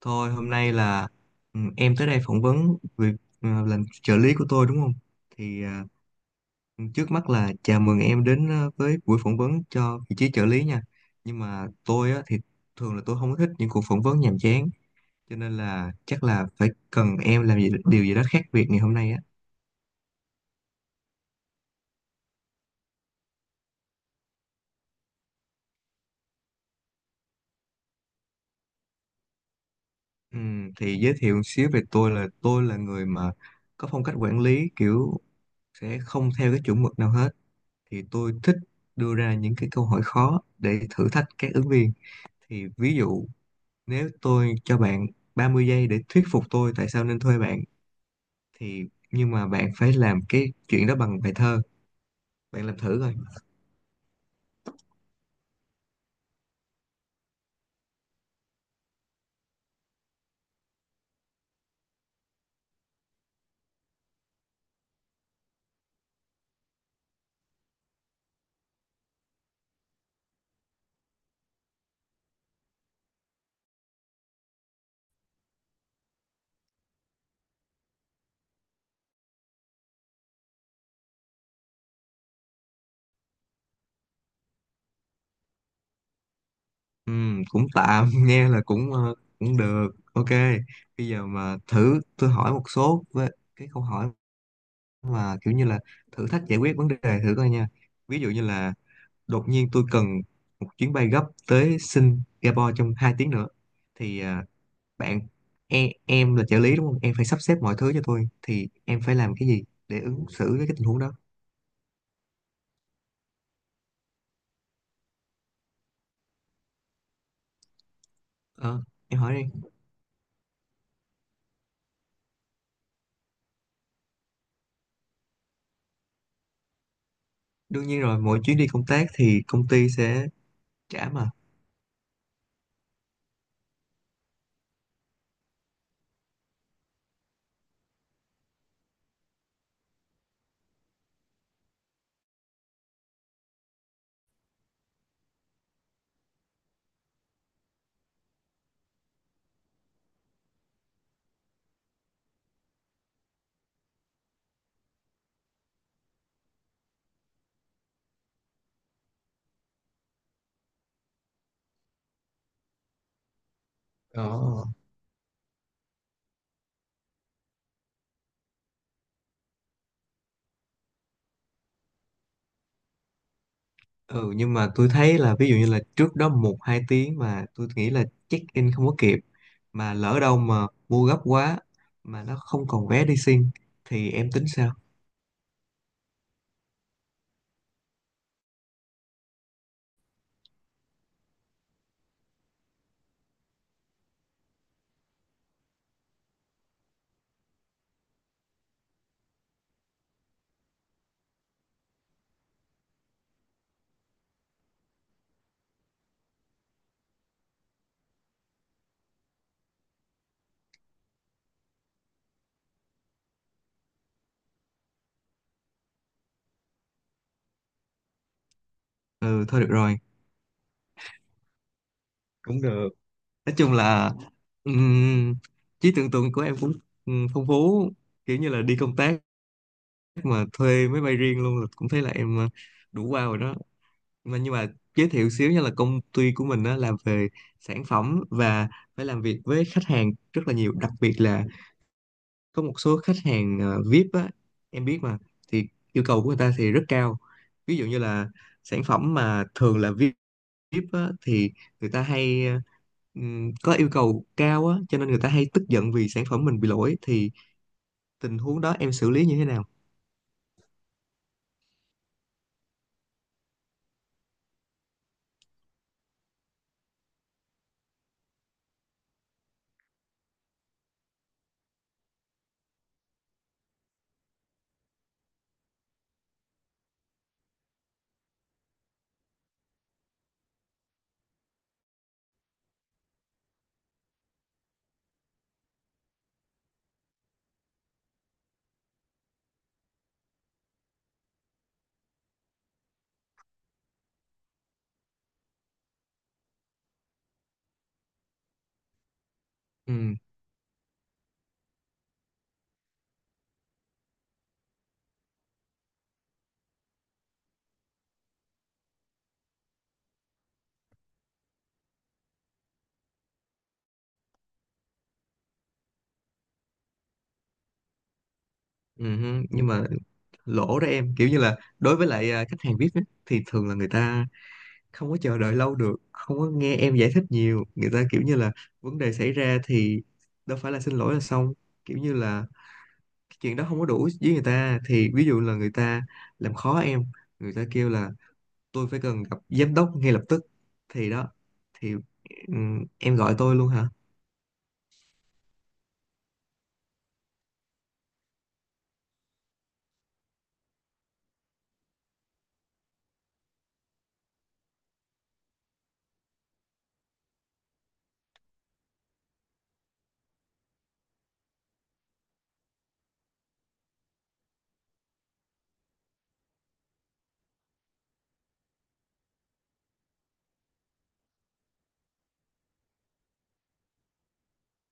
Thôi hôm nay là em tới đây phỏng vấn việc làm trợ lý của tôi đúng không? Thì trước mắt là chào mừng em đến với buổi phỏng vấn cho vị trí trợ lý nha. Nhưng mà tôi á, thì thường là tôi không có thích những cuộc phỏng vấn nhàm chán, cho nên là chắc là phải cần em làm gì điều gì đó khác biệt ngày hôm nay á. Thì giới thiệu một xíu về tôi là người mà có phong cách quản lý kiểu sẽ không theo cái chuẩn mực nào hết. Thì tôi thích đưa ra những cái câu hỏi khó để thử thách các ứng viên. Thì ví dụ, nếu tôi cho bạn 30 giây để thuyết phục tôi tại sao nên thuê bạn thì, nhưng mà bạn phải làm cái chuyện đó bằng bài thơ, bạn làm thử coi. Cũng tạm nghe là cũng cũng được. OK, bây giờ mà thử tôi hỏi một số với cái câu hỏi mà kiểu như là thử thách giải quyết vấn đề thử coi nha. Ví dụ như là đột nhiên tôi cần một chuyến bay gấp tới Singapore trong 2 tiếng nữa, thì bạn em là trợ lý đúng không, em phải sắp xếp mọi thứ cho tôi, thì em phải làm cái gì để ứng xử với cái tình huống đó? Ờ, em hỏi đi. Đương nhiên rồi, mỗi chuyến đi công tác thì công ty sẽ trả mà. Ồ, ừ, nhưng mà tôi thấy là ví dụ như là trước đó một hai tiếng mà tôi nghĩ là check in không có kịp, mà lỡ đâu mà mua gấp quá mà nó không còn vé đi xin thì em tính sao? Ừ, thôi được rồi, cũng được. Nói chung là ừm, trí tưởng tượng của em cũng phong phú, kiểu như là đi công tác mà thuê máy bay riêng luôn, là cũng thấy là em đủ wow rồi đó. Mà nhưng mà giới thiệu xíu nha, là công ty của mình đó làm về sản phẩm và phải làm việc với khách hàng rất là nhiều, đặc biệt là có một số khách hàng VIP á, em biết mà. Thì yêu cầu của người ta thì rất cao, ví dụ như là sản phẩm mà thường là VIP Jeep á, thì người ta hay có yêu cầu cao á, cho nên người ta hay tức giận vì sản phẩm mình bị lỗi. Thì tình huống đó em xử lý như thế nào? Ừ. Nhưng mà lỗ đó em kiểu như là đối với lại khách hàng VIP á, thì thường là người ta không có chờ đợi lâu được, không có nghe em giải thích nhiều, người ta kiểu như là vấn đề xảy ra thì đâu phải là xin lỗi là xong, kiểu như là cái chuyện đó không có đủ với người ta, thì ví dụ là người ta làm khó em, người ta kêu là tôi phải cần gặp giám đốc ngay lập tức. Thì đó, thì em gọi tôi luôn hả?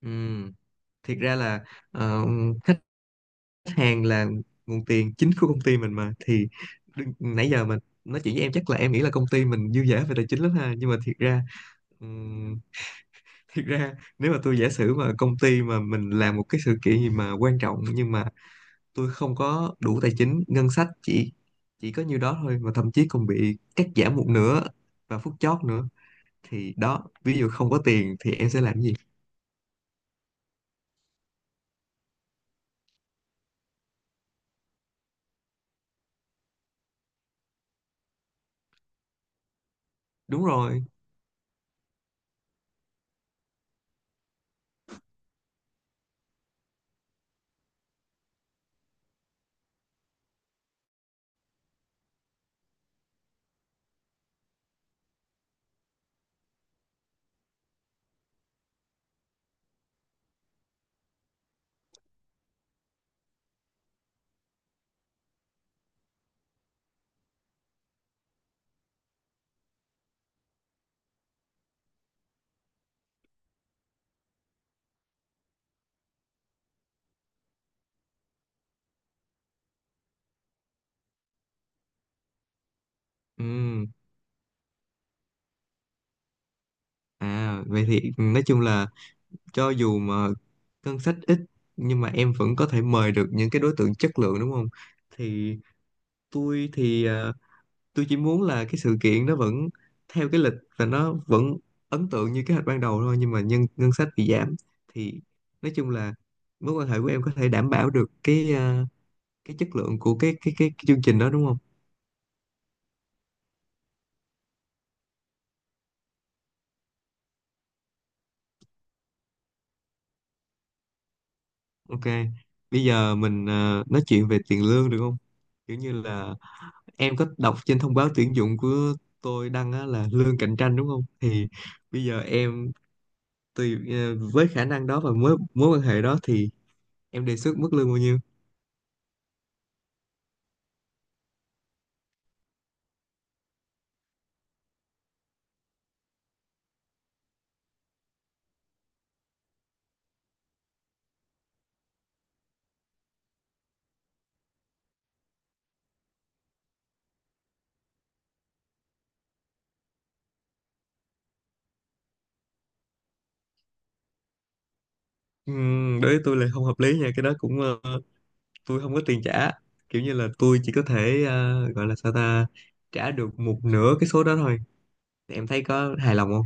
Ừm, Thiệt ra là ờ, khách hàng là nguồn tiền chính của công ty mình mà. Thì nãy giờ mình nói chuyện với em, chắc là em nghĩ là công ty mình dư dả về tài chính lắm ha, nhưng mà thiệt ra ừm, thiệt ra nếu mà tôi giả sử mà công ty mà mình làm một cái sự kiện gì mà quan trọng, nhưng mà tôi không có đủ tài chính ngân sách, chỉ có nhiêu đó thôi, mà thậm chí còn bị cắt giảm một nửa và phút chót nữa, thì đó, ví dụ không có tiền thì em sẽ làm gì? Đúng rồi. Ừ. À, vậy thì nói chung là cho dù mà ngân sách ít nhưng mà em vẫn có thể mời được những cái đối tượng chất lượng đúng không? Thì tôi thì à, tôi chỉ muốn là cái sự kiện nó vẫn theo cái lịch và nó vẫn ấn tượng như kế hoạch ban đầu thôi, nhưng mà nhân ngân sách bị giảm. Thì nói chung là mối quan hệ của em có thể đảm bảo được cái chất lượng của cái chương trình đó đúng không? OK, bây giờ mình nói chuyện về tiền lương được không? Kiểu như là em có đọc trên thông báo tuyển dụng của tôi đăng á, là lương cạnh tranh đúng không? Thì bây giờ em tùy với khả năng đó và mối mối quan hệ đó thì em đề xuất mức lương bao nhiêu? Đối với tôi là không hợp lý nha, cái đó cũng tôi không có tiền trả. Kiểu như là tôi chỉ có thể gọi là sao ta, trả được một nửa cái số đó thôi. Em thấy có hài lòng không?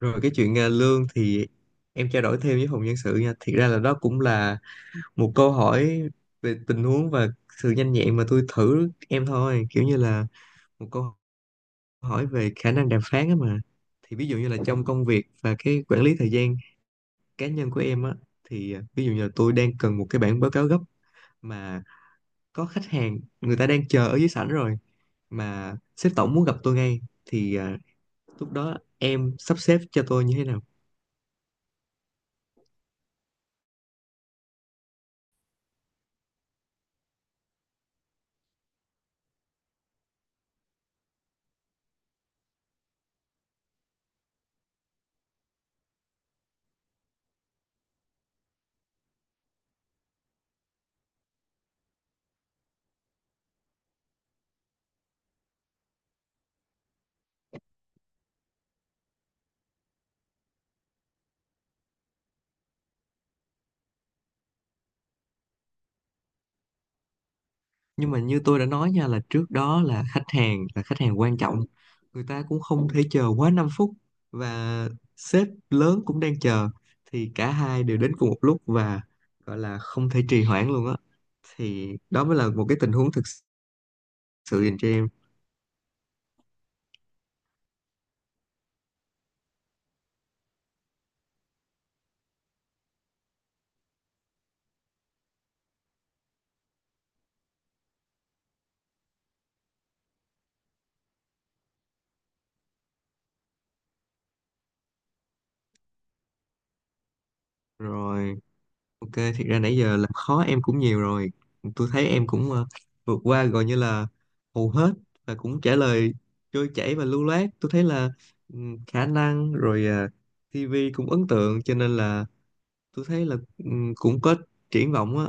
Rồi cái chuyện lương thì em trao đổi thêm với phòng nhân sự nha. Thiệt ra là đó cũng là một câu hỏi về tình huống và sự nhanh nhẹn mà tôi thử em thôi. Kiểu như là một câu hỏi về khả năng đàm phán á mà. Thì ví dụ như là trong công việc và cái quản lý thời gian cá nhân của em á, thì ví dụ như là tôi đang cần một cái bản báo cáo gấp mà có khách hàng người ta đang chờ ở dưới sảnh rồi, mà sếp tổng muốn gặp tôi ngay, thì lúc đó em sắp xếp cho tôi như thế nào? Nhưng mà như tôi đã nói nha, là trước đó là khách hàng quan trọng, người ta cũng không thể chờ quá 5 phút, và sếp lớn cũng đang chờ, thì cả hai đều đến cùng một lúc và gọi là không thể trì hoãn luôn á, thì đó mới là một cái tình huống thực sự dành cho em. Rồi. OK, thiệt ra nãy giờ làm khó em cũng nhiều rồi. Tôi thấy em cũng vượt qua gọi như là hầu hết, và cũng trả lời trôi chảy và lưu loát. Tôi thấy là khả năng rồi TV cũng ấn tượng, cho nên là tôi thấy là cũng có triển vọng á.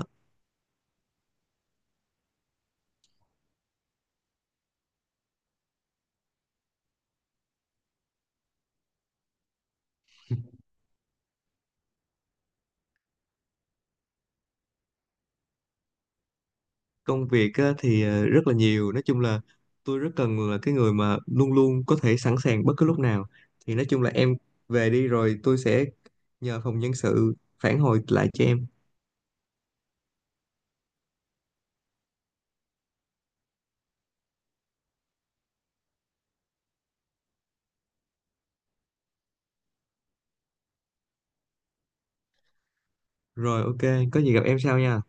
Công việc á, thì rất là nhiều. Nói chung là tôi rất cần là cái người mà luôn luôn có thể sẵn sàng bất cứ lúc nào. Thì nói chung là em về đi rồi tôi sẽ nhờ phòng nhân sự phản hồi lại cho em. Rồi OK, có gì gặp em sau nha.